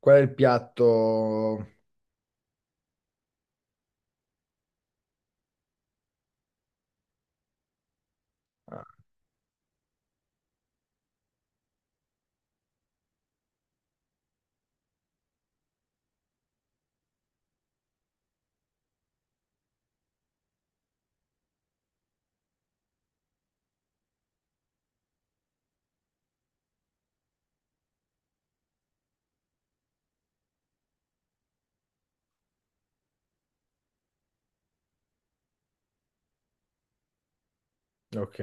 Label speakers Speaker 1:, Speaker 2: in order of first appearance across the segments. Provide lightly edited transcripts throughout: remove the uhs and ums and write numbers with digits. Speaker 1: Qual è il piatto? Ok.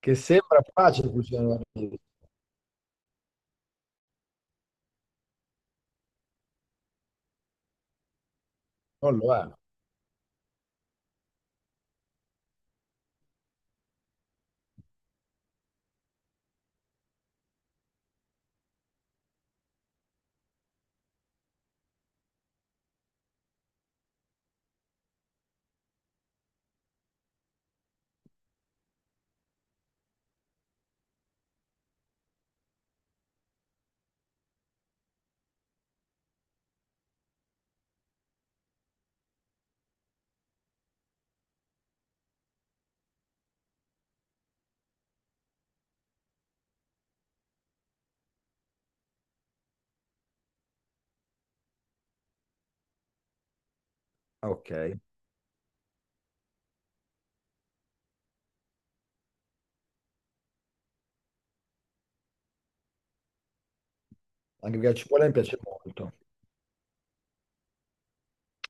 Speaker 1: Che sembra facile cucinare, la pizza, non lo è. Ok. Anche perché la cipolla mi piace molto.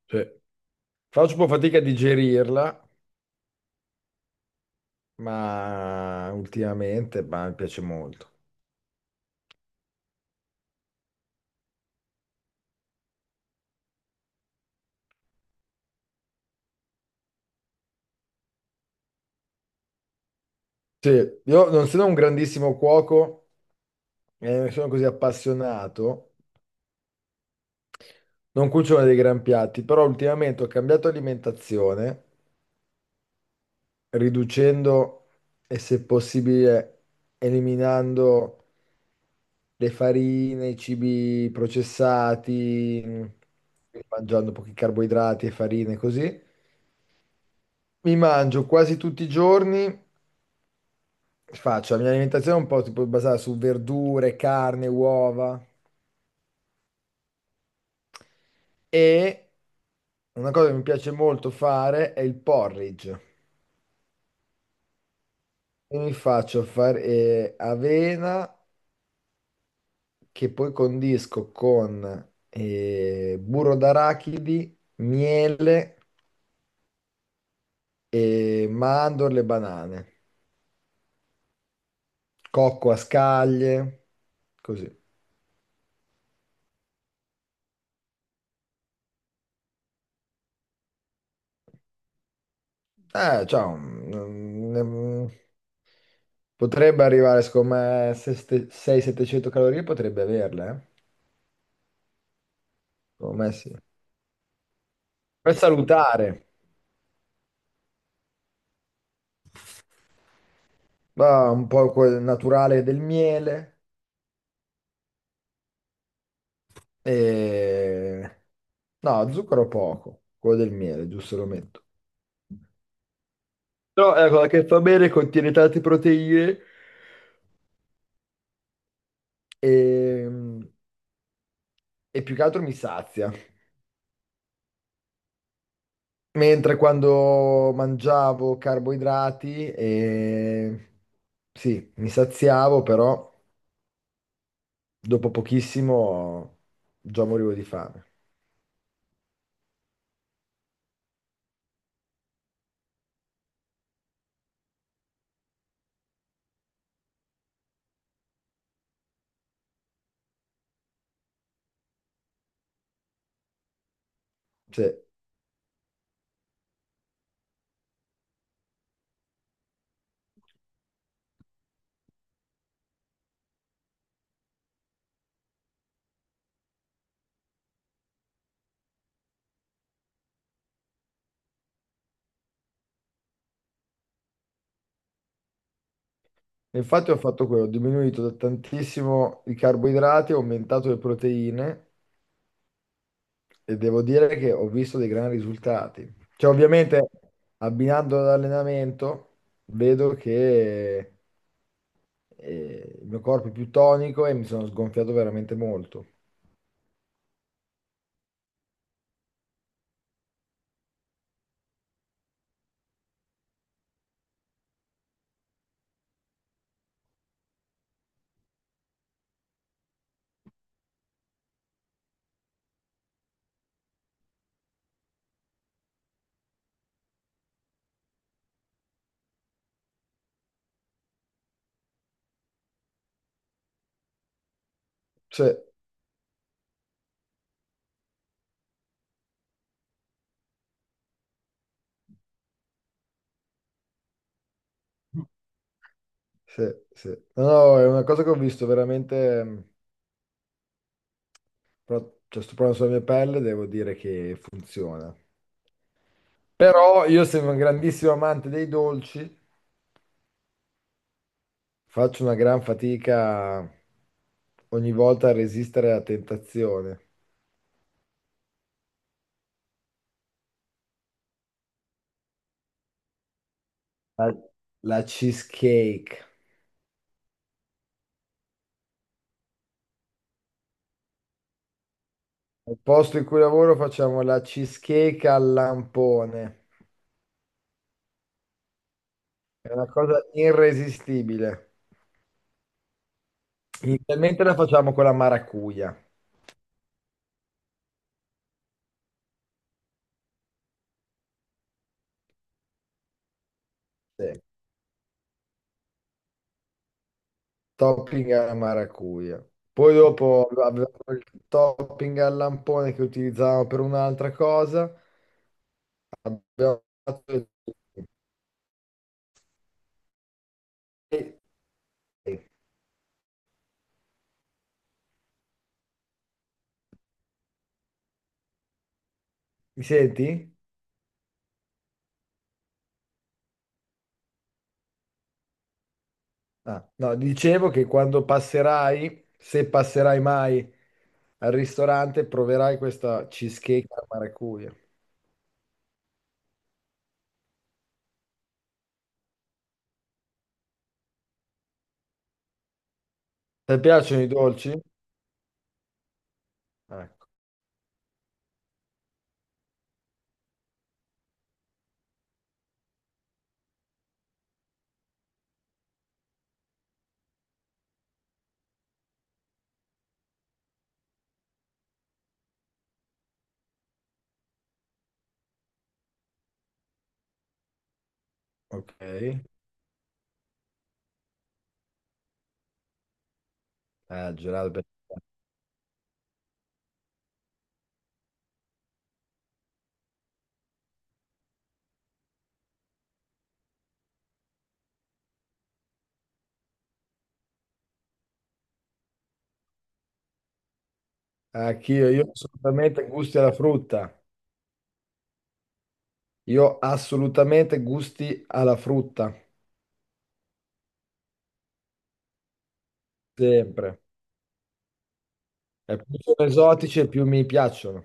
Speaker 1: Sì. Faccio un po' fatica a digerirla, ma ultimamente bah, mi piace molto. Sì, io non sono un grandissimo cuoco, sono così appassionato, non cucino dei gran piatti, però ultimamente ho cambiato alimentazione, riducendo e se possibile eliminando le farine, i cibi processati, mangiando pochi carboidrati e farine così. Mi mangio quasi tutti i giorni, faccio la mia alimentazione un po' tipo basata su verdure, carne, uova e una cosa che mi piace molto fare è il porridge. E mi faccio fare avena che poi condisco con burro d'arachidi, miele e mandorle e banane. Cocco a scaglie, così. Eh, cioè, mm, mm, Potrebbe arrivare, secondo me, 600-700 calorie, potrebbe averle, eh? Secondo me sì. Per salutare, va un po' quel naturale del miele e... No, zucchero poco, quello del miele, giusto lo metto. Però è una cosa che fa bene, contiene tante proteine e, e più che altro mi sazia. Mentre quando mangiavo carboidrati, sì, mi saziavo, però dopo pochissimo già morivo di fame. Sì. E infatti ho fatto quello, ho diminuito da tantissimo i carboidrati, ho aumentato le proteine e devo dire che ho visto dei grandi risultati. Cioè, ovviamente abbinando all'allenamento vedo che il mio corpo è più tonico e mi sono sgonfiato veramente molto. Sì. Sì, sì. No, no, è una cosa che ho visto veramente, cioè, sto provando sulla mia pelle, devo dire che funziona. Però io sono un grandissimo amante dei dolci, faccio una gran fatica ogni volta a resistere alla tentazione. La, la cheesecake. Al posto in cui lavoro facciamo la cheesecake al lampone. È una cosa irresistibile. Inizialmente la facciamo con la maracuja. Sì. Topping alla maracuja. Poi dopo abbiamo il topping al lampone che utilizzavamo per un'altra cosa. Abbiamo fatto il- Mi senti? Ah, no, dicevo che quando passerai, se passerai mai al ristorante, proverai questa cheesecake alla maracuja. Ti piacciono i dolci? Ecco, ok. Ah, gelato per- Anch'io, io assolutamente gusti alla frutta. Io assolutamente gusti alla frutta. Sempre. E più sono esotici e più mi piacciono.